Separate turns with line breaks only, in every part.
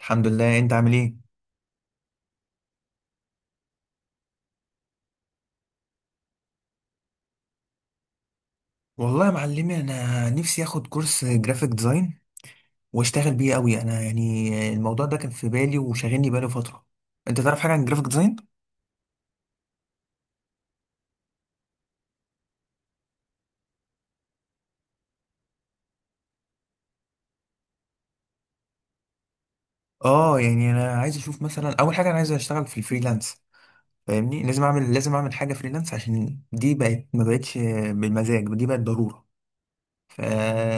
الحمد لله، انت عامل ايه؟ والله يا معلمي، انا نفسي اخد كورس جرافيك ديزاين واشتغل بيه قوي. انا يعني الموضوع ده كان في بالي وشاغلني بقاله فتره. انت تعرف حاجه عن جرافيك ديزاين؟ اه، يعني انا عايز اشوف مثلا. اول حاجه انا عايز اشتغل في الفريلانس، فاهمني. لازم اعمل حاجه فريلانس عشان دي بقت، ما بقتش بالمزاج، دي بقت ضروره. ف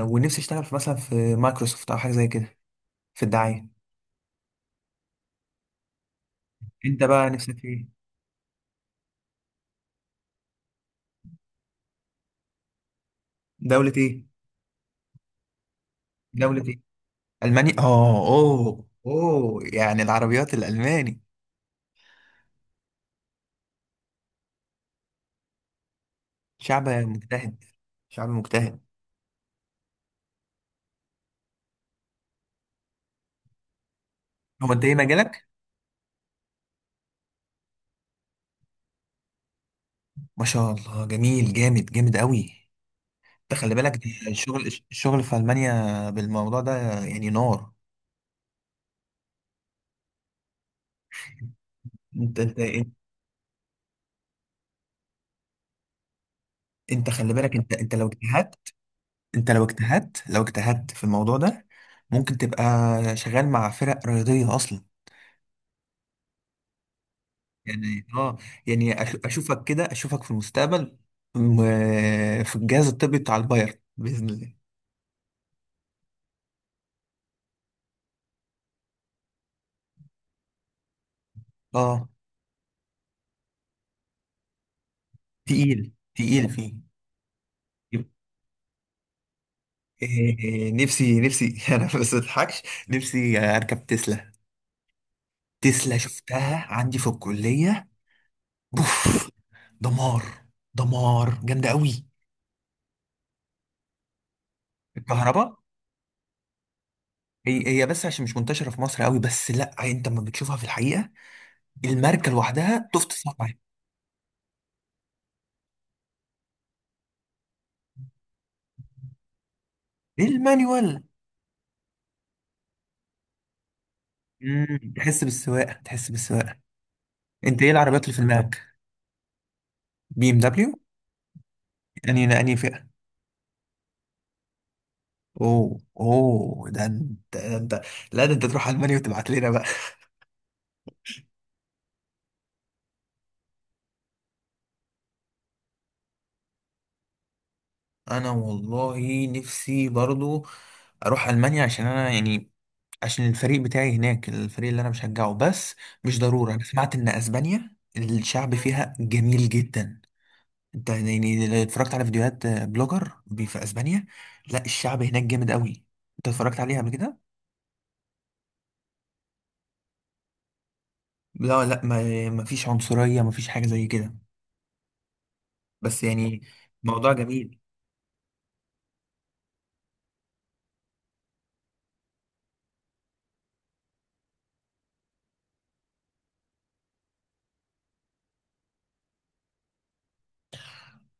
ونفسي اشتغل في، مثلا، في مايكروسوفت او حاجه زي كده، في الدعايه. انت بقى نفسك في ايه؟ دوله ايه؟ دوله ايه؟ ألماني، أوه أوه، يعني العربيات الألماني. شعب مجتهد، شعب مجتهد. هو أنت إيه مجالك؟ ما شاء الله، جميل جامد جامد قوي. أنت خلي بالك، ده الشغل الشغل في ألمانيا بالموضوع ده، يعني نار. أنت أنت أنت خلي بالك، أنت لو اجتهدت، أنت لو اجتهدت في الموضوع ده ممكن تبقى شغال مع فرق رياضية أصلا. يعني اه، يعني اشوفك كده، اشوفك في المستقبل، في الجهاز الطبي بتاع البايرن باذن الله. اه. تقيل تقيل فيه. يب- إيه إيه، نفسي نفسي انا بس ما اضحكش. نفسي اركب تسلا، تسلا شفتها عندي في الكليه. بوف! دمار! دمار جامده قوي. الكهرباء. هي هي، بس عشان مش منتشره في مصر قوي. بس لا، انت لما بتشوفها في الحقيقه الماركه لوحدها تفت صنع. المانيوال. تحس بالسواقه، تحس بالسواقه. انت ايه العربيات اللي في دماغك؟ بي ام دبليو. يعني انهي فئه؟ اوه اوه، ده انت، ده انت. لا، ده انت تروح المانيا وتبعت لنا بقى. انا والله نفسي برضو اروح المانيا، عشان انا يعني، عشان الفريق بتاعي هناك، الفريق اللي انا بشجعه. بس مش ضرورة. انا سمعت ان اسبانيا الشعب فيها جميل جدا. انت يعني لو اتفرجت على فيديوهات بلوجر في اسبانيا، لا الشعب هناك جامد قوي. انت اتفرجت عليها قبل كده؟ لا لا، ما فيش عنصرية، ما فيش حاجة زي كده. بس يعني، موضوع جميل.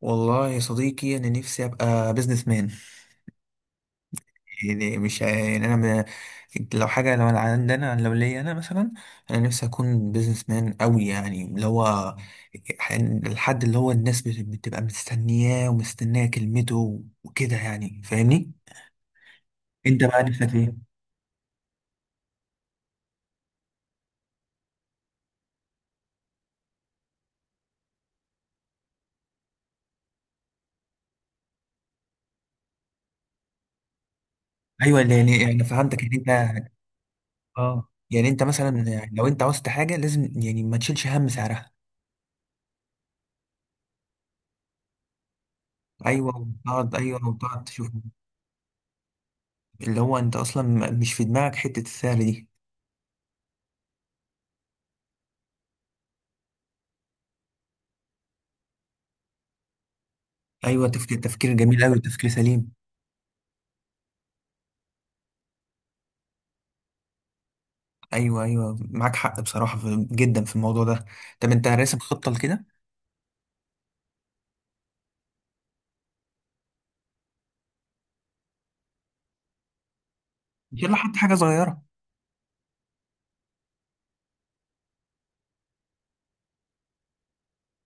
والله يا صديقي، انا نفسي ابقى بيزنس مان. يعني مش، يعني انا لو حاجة، لو انا عندنا، لو ليا انا مثلا، انا نفسي اكون بيزنس مان قوي، يعني اللي هو الحد اللي هو الناس بتبقى مستنياه ومستنية كلمته وكده، يعني فاهمني. انت بقى نفسك ايه؟ ايوه، اللي يعني انا فهمتك ان انت. اه يعني انت مثلا لو انت عاوزت حاجة لازم يعني ما تشيلش هم سعرها. ايوه، وتقعد تشوف، اللي هو انت اصلا مش في دماغك حته السهل دي. ايوه، تفكير تفكير جميل قوي، تفكير سليم. ايوه ايوه، معاك حق بصراحه، في جدا في الموضوع ده. طب انت راسم خطه لكده؟ ان شاء الله حتى حاجه صغيره.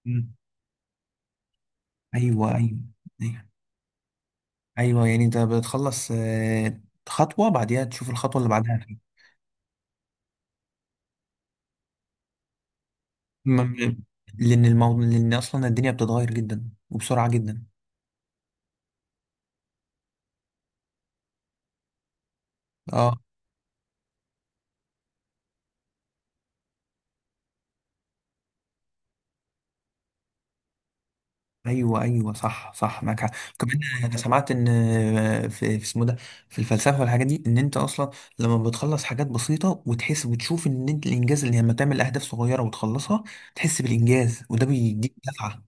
مم. ايوه ايوه ايوه. أيوة، يعني انت بتخلص، خطوه بعديها تشوف الخطوه اللي بعدها. م- م- لان الموضوع، لان اصلا الدنيا بتتغير جدا وبسرعه جدا. اه، ايوه ايوه، صح صح، معاك حق. كمان انا سمعت ان في اسمه ده في الفلسفه والحاجات دي، ان انت اصلا لما بتخلص حاجات بسيطه وتحس وتشوف ان انت الانجاز، اللي لما تعمل اهداف صغيره وتخلصها تحس بالانجاز، وده بيديك دفعه.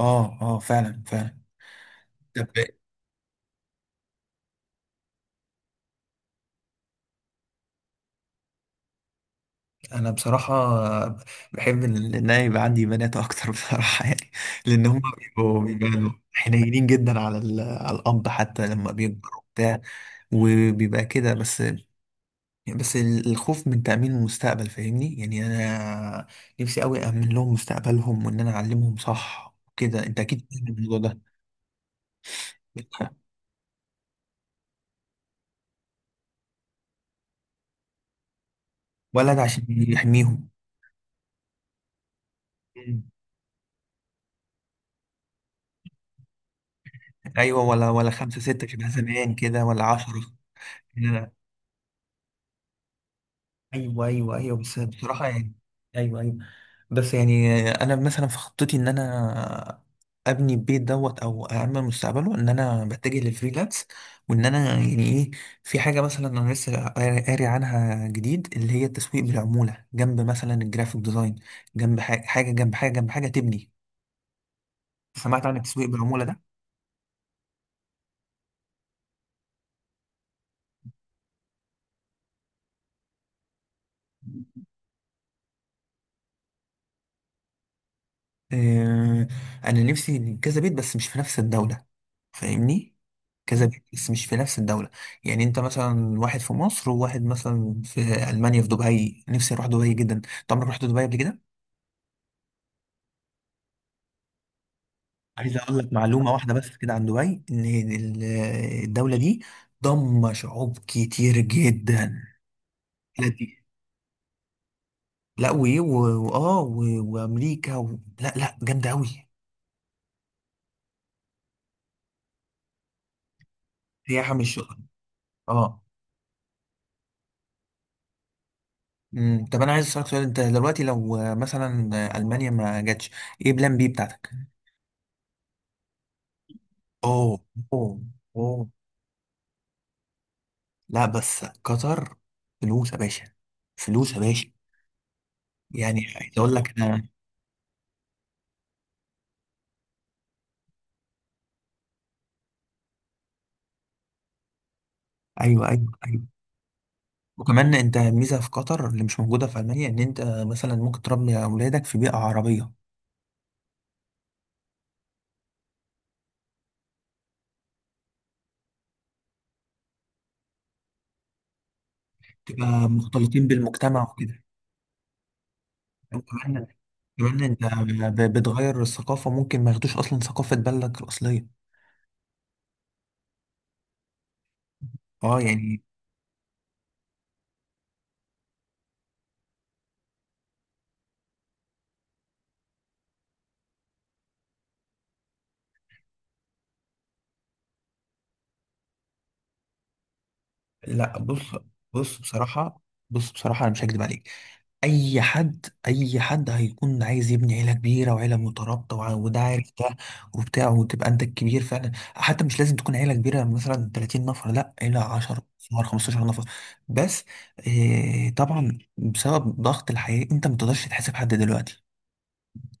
اه اه، فعلا فعلا. طب انا بصراحه بحب إن انا يبقى عندي بنات اكتر بصراحه يعني. لان هم بيبقوا حنينين جدا على الاب، حتى لما بيكبر وبتاع، وبيبقى كده. بس يعني، بس الخوف من تأمين المستقبل، فاهمني، يعني أنا نفسي أوي أأمن لهم مستقبلهم، وإن أنا أعلمهم صح وكده. أنت أكيد فاهم الموضوع ده. ولد عشان يحميهم. مم. أيوة، ولا خمسة ستة كده، زمان كده، ولا عشرة. ايوه ايوه ايوه، بس بصراحه يعني. ايوه ايوه، بس يعني انا مثلا في خطتي ان انا ابني البيت دوت، او اعمل مستقبله، ان انا بتجه للفريلانس، وان انا يعني ايه، في حاجه مثلا انا لسه قاري قاري عنها جديد، اللي هي التسويق بالعموله، جنب مثلا الجرافيك ديزاين، جنب حاجه حاجه، جنب حاجه جنب حاجه تبني. سمعت عن التسويق بالعموله ده؟ آه، انا نفسي كذا بيت، بس مش في نفس الدولة، فاهمني. كذا بيت، بس مش في نفس الدولة. يعني انت مثلا واحد في مصر، وواحد مثلا في المانيا، في دبي. نفسي اروح دبي جدا. انت عمرك رحت دبي قبل كده؟ عايز اقول لك معلومة واحدة بس كده عن دبي، ان ال- الدولة دي ضم شعوب كتير جدا. لا دي، لا وإيه، و- واه و- وامريكا لا لا، جامدة قوي. سياحة مش شغل. اه. طب انا عايز اسالك سؤال. انت دلوقتي لو مثلا، المانيا ما جاتش، ايه بلان بي بتاعتك؟ اوه، اوه، اوه، لا بس قطر. فلوس يا باشا، فلوس يا باشا. يعني عايز اقول لك انا. ايوه ايوه ايوه، وكمان انت ميزه في قطر اللي مش موجوده في المانيا، ان انت مثلا ممكن تربي اولادك في بيئه عربيه، تبقى مختلطين بالمجتمع وكده. وكمان كمان انت بتغير الثقافه ممكن ما ياخدوش اصلا ثقافه بلدك الاصليه. اه يعني. لا بص، بص بصراحة بص بصراحة، أنا مش هكدب عليك. أي حد هيكون عايز يبني عيلة كبيرة وعيلة مترابطة وده عارف ده وبتاع، وتبقى أنت الكبير فعلا. حتى مش لازم تكون عيلة كبيرة مثلا 30 نفر، لا عيلة 10 نفر، 15 نفر بس. طبعا بسبب ضغط الحياة أنت ما تقدرش تحاسب حد دلوقتي.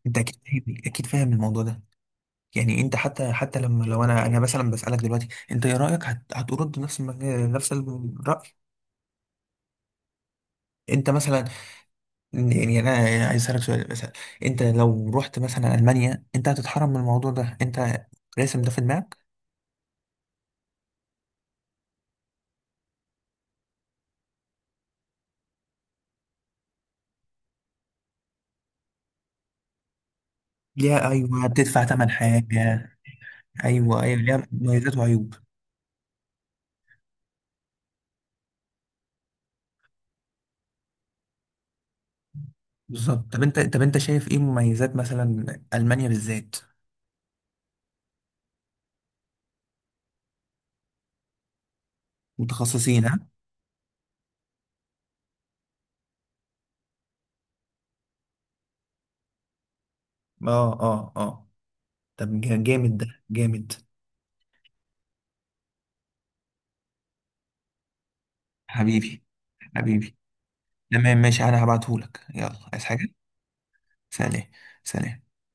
أنت أكيد فاهم، أكيد فاهم الموضوع ده. يعني انت، حتى لما لو انا مثلا بسألك دلوقتي انت ايه رأيك، هترد نفس الرأي؟ انت مثلا، يعني انا عايز اسالك سؤال مثلا، انت لو رحت مثلا المانيا، انت هتتحرم من الموضوع ده؟ انت راسم ده في دماغك؟ ليها، ايوه بتدفع ثمن حاجه. ايوه ايوه، ليها مميزات وعيوب. بالظبط. طب انت شايف ايه مميزات مثلا، المانيا بالذات؟ متخصصين، ها؟ اه اه اه. طب جامد، ده جامد. حبيبي، حبيبي، تمام ماشي. انا هبعتهولك، يلا، عايز حاجه. سلام، سلام،